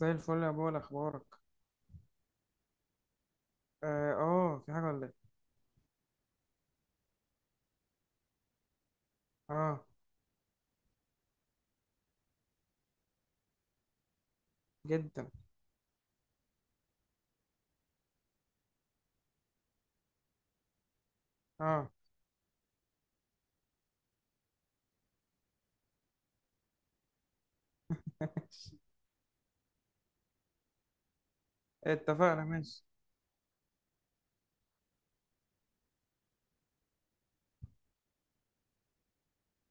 زي الفل يا بول، اخبارك؟ اه، في حاجه ولا ايه؟ اه. جدا. اه. اتفقنا، ماشي.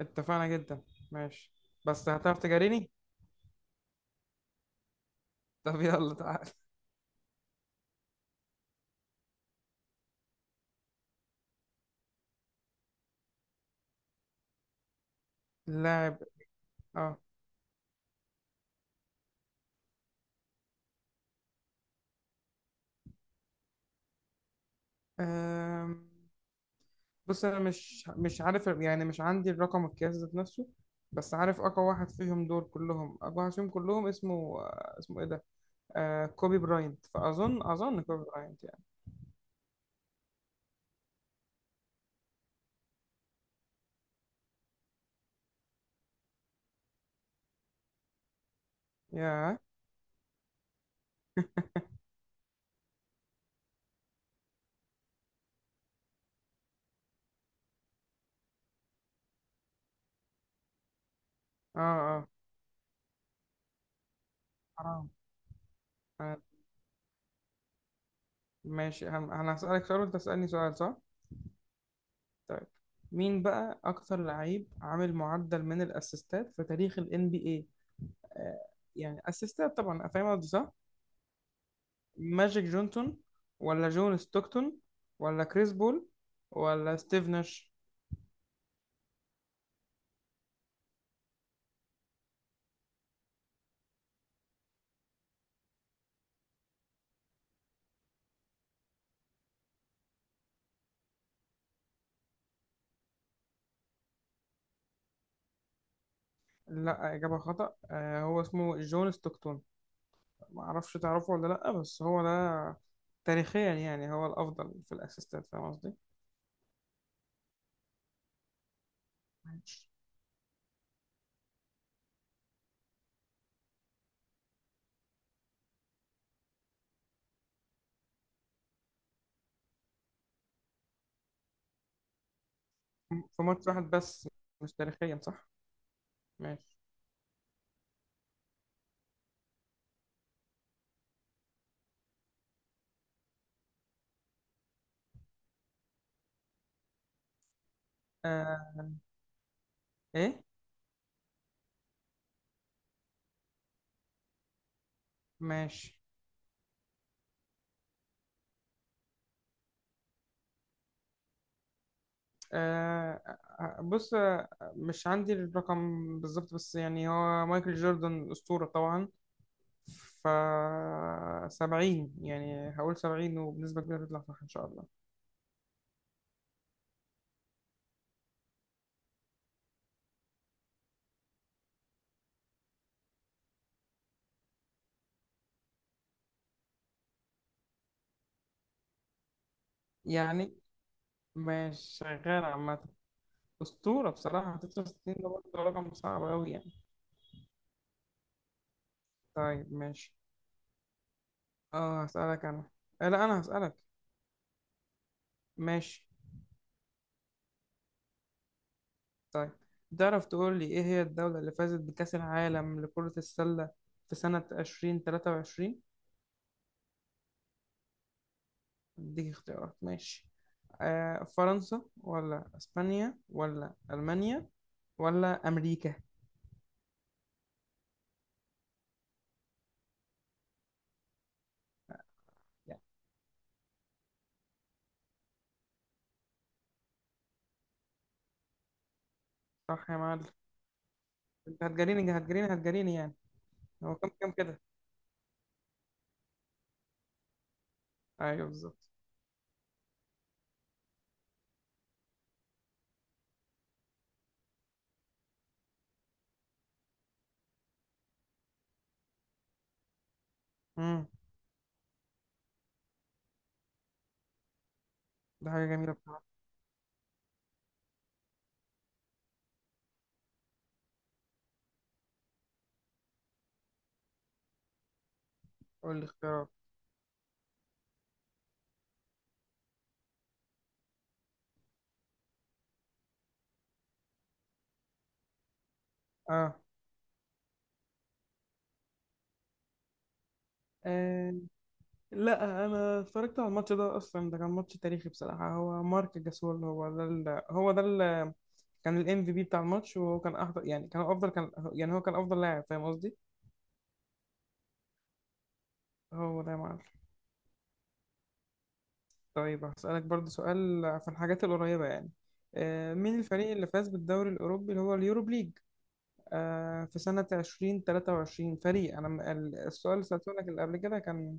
اتفقنا جدا. ماشي. بس هتعرف تجاريني؟ طب يلا تعال. لاعب. اه. آم، بص انا مش عارف، يعني مش عندي الرقم القياسي ذات نفسه. بس عارف اقوى واحد فيهم دول كلهم اقوى واحد فيهم كلهم اسمه، اسمه ايه ده؟ كوبي براينت، اظن كوبي براينت يعني. يا اه اه. حرام. آه. ماشي. انا هسألك سؤال وانت تسألني سؤال، صح؟ طيب. مين بقى اكتر لعيب عامل معدل من الاسيستات في تاريخ ال NBA؟ آه يعني اسيستات طبعا، فاهم قصدي صح؟ ماجيك جونسون، ولا جون ستوكتون، ولا كريس بول، ولا ستيف ناش؟ لا، إجابة خطأ. هو اسمه جون ستوكتون. معرفش تعرفه ولا لا، بس هو ده تاريخيا. يعني هو الأفضل في الاسيستات، فاهم قصدي؟ ماشي. في ماتش واحد بس. مش تاريخيا، صح؟ ماشي. آه. ايه. ماشي. آه بص، مش عندي الرقم بالظبط، بس يعني هو مايكل جوردن أسطورة طبعا، ف 70، يعني هقول 70 وبنسبة كبيرة تطلع صح إن شاء الله. يعني مش شغال عامة أسطورة بصراحة. 69 ده برضه رقم صعب أوي يعني. طيب ماشي. اه، هسألك أنا. لا أنا هسألك. ماشي. طيب. تعرف تقول لي إيه هي الدولة اللي فازت بكأس العالم لكرة السلة في سنة 2023؟ اديك اختيارات، ماشي. فرنسا ولا اسبانيا ولا المانيا ولا امريكا؟ يعني صح يا معلم. انت هتجريني هتجريني هتجريني يعني. هو كم كده؟ ايوه، بالظبط. امم. ده حاجه جميله بصراحه. قول لي اختيارات. آه. اه، لا انا اتفرجت على الماتش ده اصلا. ده كان ماتش تاريخي بصراحه. هو مارك جاسول. كان الام في بي بتاع الماتش، وهو كان احضر يعني، كان افضل، كان يعني هو كان افضل لاعب، فاهم قصدي؟ هو ده يا معلم. طيب هسألك برضو سؤال في الحاجات القريبة يعني. مين الفريق اللي فاز بالدوري الأوروبي اللي هو اليورو ليج في سنة 2023؟ فريق السؤال اللي سألته لك اللي قبل كده كان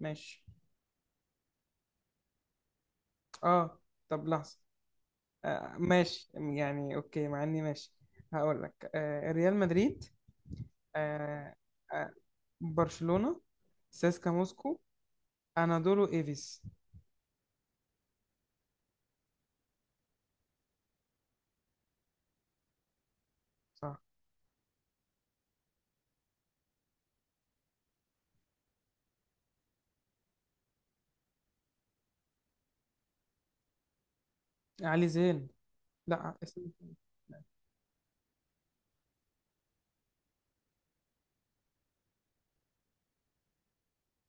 ماشي. آه. طب لحظة. ماشي يعني أوكي، مع إني ماشي. هقول لك، ريال مدريد. آه، آه، برشلونة. سيسكا موسكو. أنادولو إيفيس. صح. علي زين. لا اسم.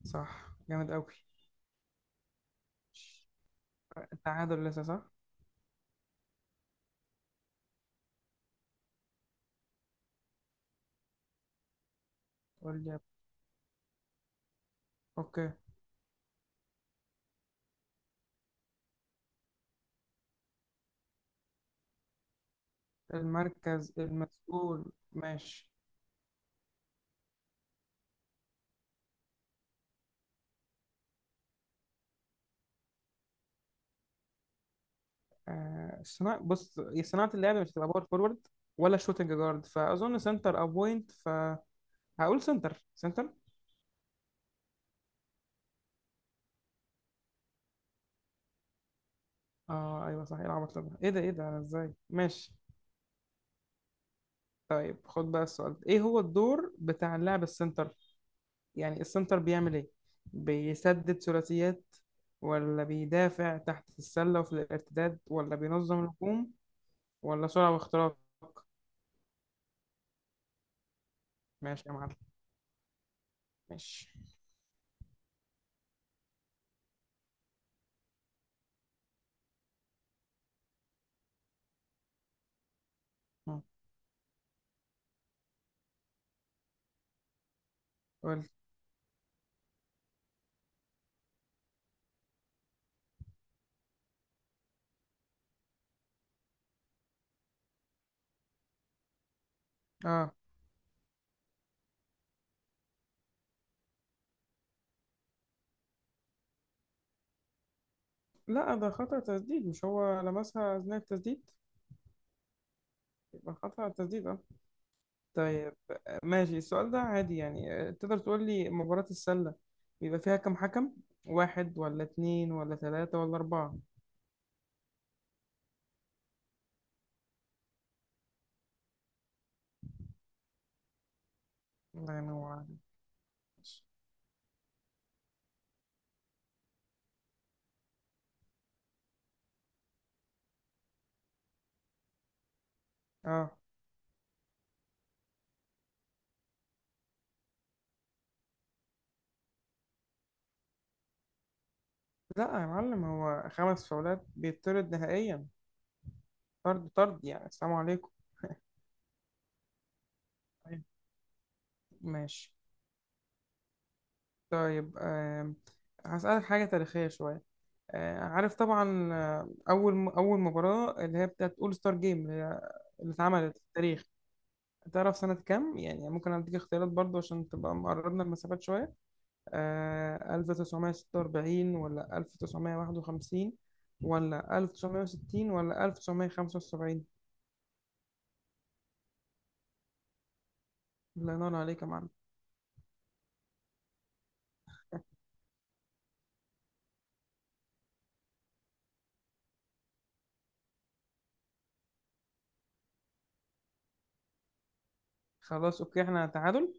صح، جامد أوي. تعادل لسه، صح؟ قول لي. اوكي. المركز المسؤول. ماشي. صناعة، بص هي صناعة اللعب مش هتبقى باور فورورد ولا شوتنج جارد، فأظن سنتر أو بوينت، فهقول سنتر. اه، ايوه صح. ايه العبط ده؟ ايه ده؟ ايه ده؟ ازاي. ماشي. طيب خد بقى السؤال ده. ايه هو الدور بتاع اللاعب السنتر؟ يعني السنتر بيعمل ايه؟ بيسدد ثلاثيات، ولا بيدافع تحت السلة وفي الارتداد، ولا بينظم الهجوم، ولا سرعة واختراق؟ ماشي يا معلم. ماشي. آه. قول. اه، لا ده خطأ تسديد، مش هو لمسها أثناء التسديد؟ يبقى خطأ تسديد اه. طيب. ماشي السؤال ده عادي يعني. تقدر تقول لي مباراة السلة بيبقى فيها كم حكم؟ واحد ولا اتنين ولا تلاتة ولا أربعة؟ الله ينور عليك. اه. لا يا معلم، هو خمس فاولات بيطرد نهائيا. طرد طرد، يعني السلام عليكم. أيوة. ماشي. طيب. هسألك حاجة تاريخية شوية. عارف طبعا، اول مباراه اللي هي بتاعت اول ستار جيم، اللي اتعملت في التاريخ، تعرف سنه كام؟ يعني ممكن اديك اختيارات برضو عشان تبقى مقربنا المسافات شويه. 1946 ولا 1951 ولا 1960 ولا 1975؟ الله ينور عليك يا معلم. خلاص اوكي، احنا تعادل.